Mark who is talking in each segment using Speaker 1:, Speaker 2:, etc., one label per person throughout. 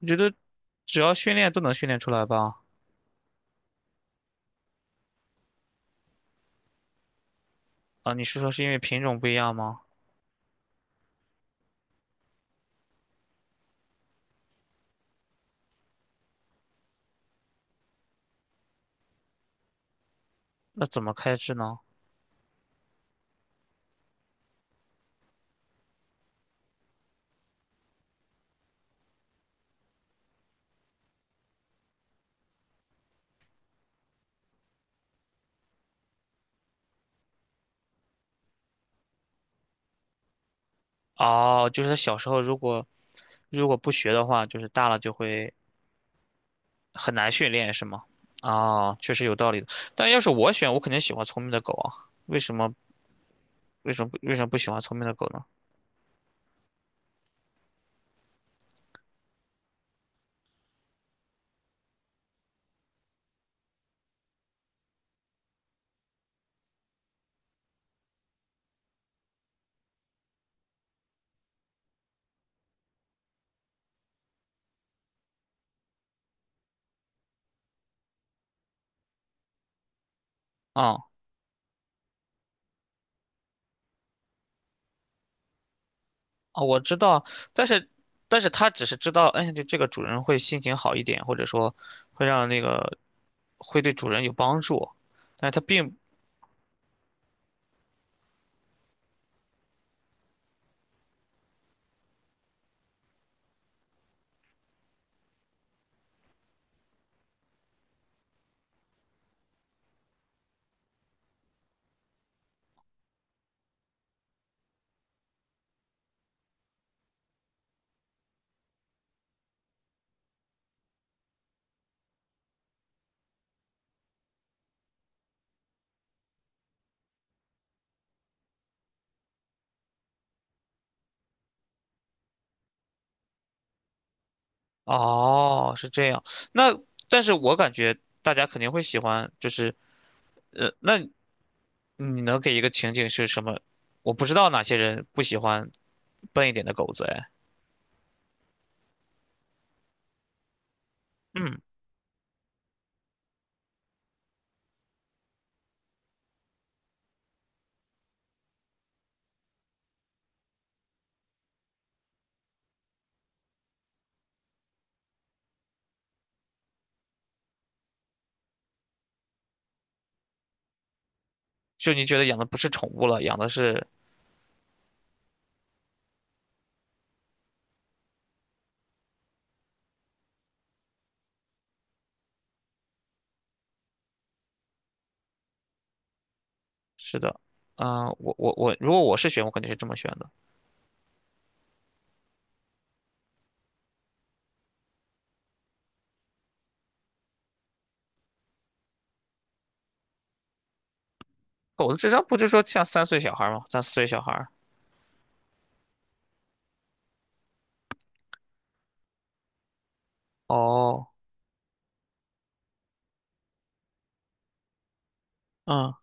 Speaker 1: 我觉得只要训练都能训练出来吧？啊，你是说是因为品种不一样吗？那怎么开智呢？哦，就是它小时候如果不学的话，就是大了就会很难训练，是吗？啊，确实有道理的。但要是我选，我肯定喜欢聪明的狗啊。为什么？为什么不喜欢聪明的狗呢？啊啊，我知道，但是它只是知道，哎，就这个主人会心情好一点，或者说会让那个会对主人有帮助。但是它并哦，是这样。那但是我感觉大家肯定会喜欢，就是那你能给一个情景是什么？我不知道哪些人不喜欢笨一点的狗子，哎，嗯，就你觉得养的不是宠物了，养的是是的，嗯、我，如果我是选，我肯定是这么选的。狗子智商不就说像三岁小孩吗？三四岁小孩儿。哦，嗯，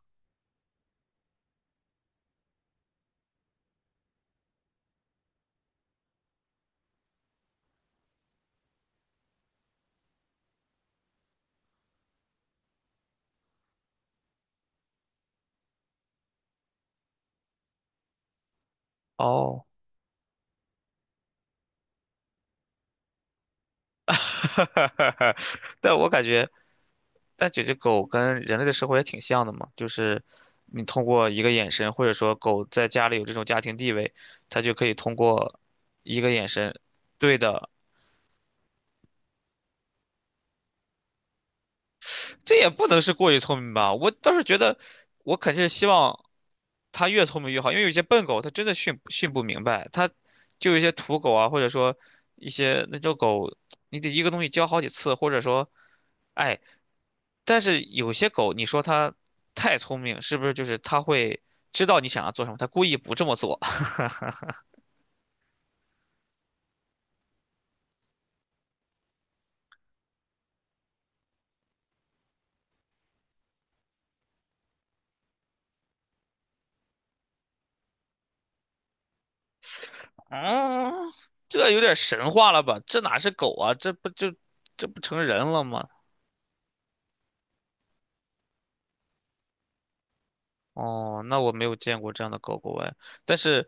Speaker 1: 哦，但我感觉。但这只狗跟人类的生活也挺像的嘛，就是你通过一个眼神，或者说狗在家里有这种家庭地位，它就可以通过一个眼神，对的，这也不能是过于聪明吧？我倒是觉得，我肯定是希望它越聪明越好，因为有些笨狗它真的训不明白，它就有一些土狗啊，或者说一些那种狗，你得一个东西教好几次，或者说，哎，但是有些狗你说它太聪明，是不是就是它会知道你想要做什么，它故意不这么做？嗯，这有点神话了吧？这哪是狗啊？这不就这不成人了吗？哦，那我没有见过这样的狗狗哎，但是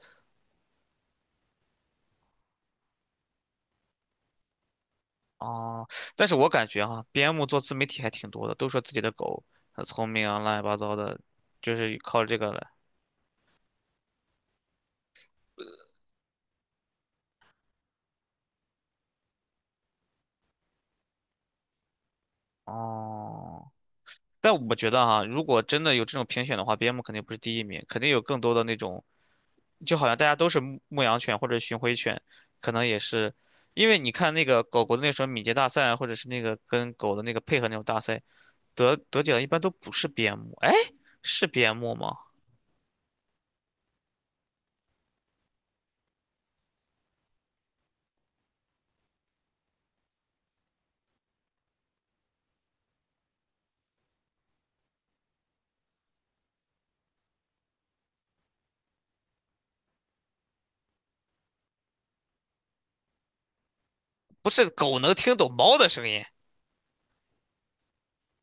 Speaker 1: 哦，但是我感觉哈、边牧做自媒体还挺多的，都说自己的狗很聪明啊，乱七八糟的，就是靠这个来。哦，但我觉得哈、如果真的有这种评选的话，边牧肯定不是第一名，肯定有更多的那种，就好像大家都是牧羊犬或者巡回犬，可能也是，因为你看那个狗狗的那时什么敏捷大赛啊或者是那个跟狗的那个配合那种大赛，得奖的一般都不是边牧，哎，是边牧吗？不是狗能听懂猫的声音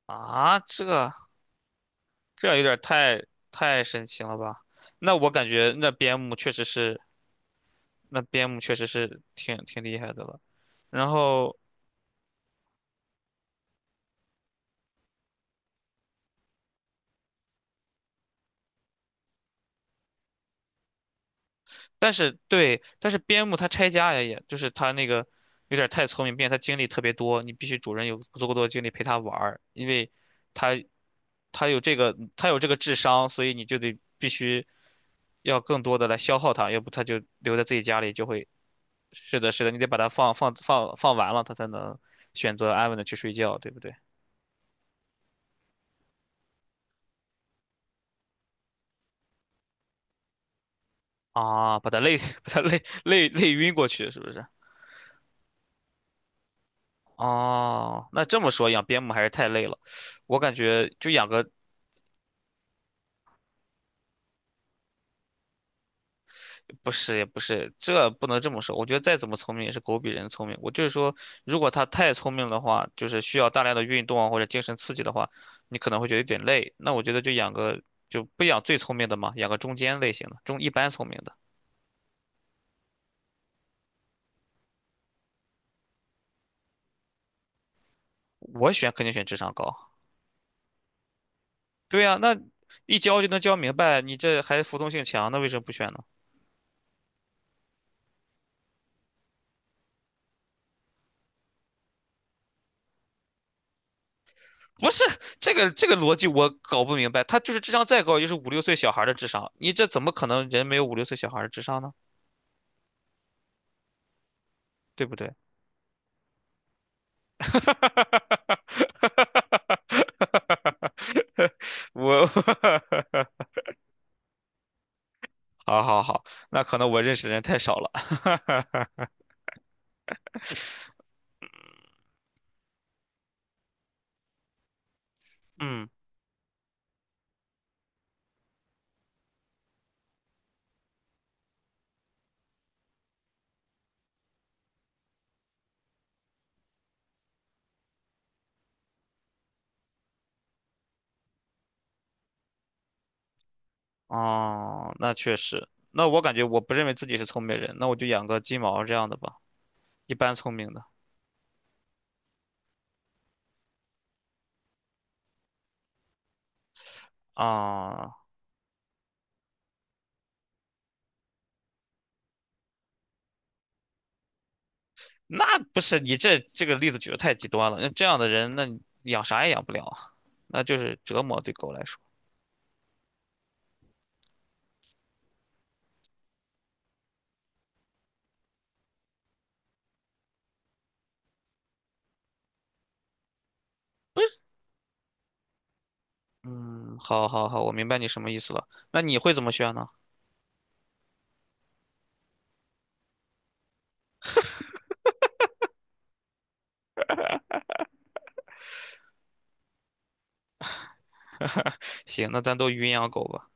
Speaker 1: 啊？这这样有点太太神奇了吧？那我感觉那边牧确实是，那边牧确实是挺挺厉害的了。然后，但是对，但是边牧它拆家呀，也就是它那个有点太聪明，并且它精力特别多，你必须主人有足够多的精力陪它玩儿，因为它它有这个智商，所以你就得必须要更多的来消耗它，要不它就留在自己家里就会是的，是的，你得把它放放完了，它才能选择安稳的去睡觉，对不对？啊，把它累，把它累晕过去，是不是？哦，那这么说养边牧还是太累了，我感觉就养个不是也不是，这不能这么说。我觉得再怎么聪明也是狗比人聪明。我就是说，如果它太聪明的话，就是需要大量的运动啊或者精神刺激的话，你可能会觉得有点累。那我觉得就养个就不养最聪明的嘛，养个中间类型的，中一般聪明的。我选肯定选智商高。对呀，那一教就能教明白，你这还服从性强，那为什么不选呢？不是这个逻辑我搞不明白，他就是智商再高，就是五六岁小孩儿的智商，你这怎么可能人没有五六岁小孩儿的智商呢？对不对？我 好好好，那可能我认识的人太少了。嗯，哦，那确实，那我感觉我不认为自己是聪明人，那我就养个金毛这样的吧，一般聪明的啊。那不是你这个例子举的太极端了。那这样的人，那你养啥也养不了啊，那就是折磨对狗来说。嗯，好好好，我明白你什么意思了。那你会怎么选呢？行，那咱都云养狗吧。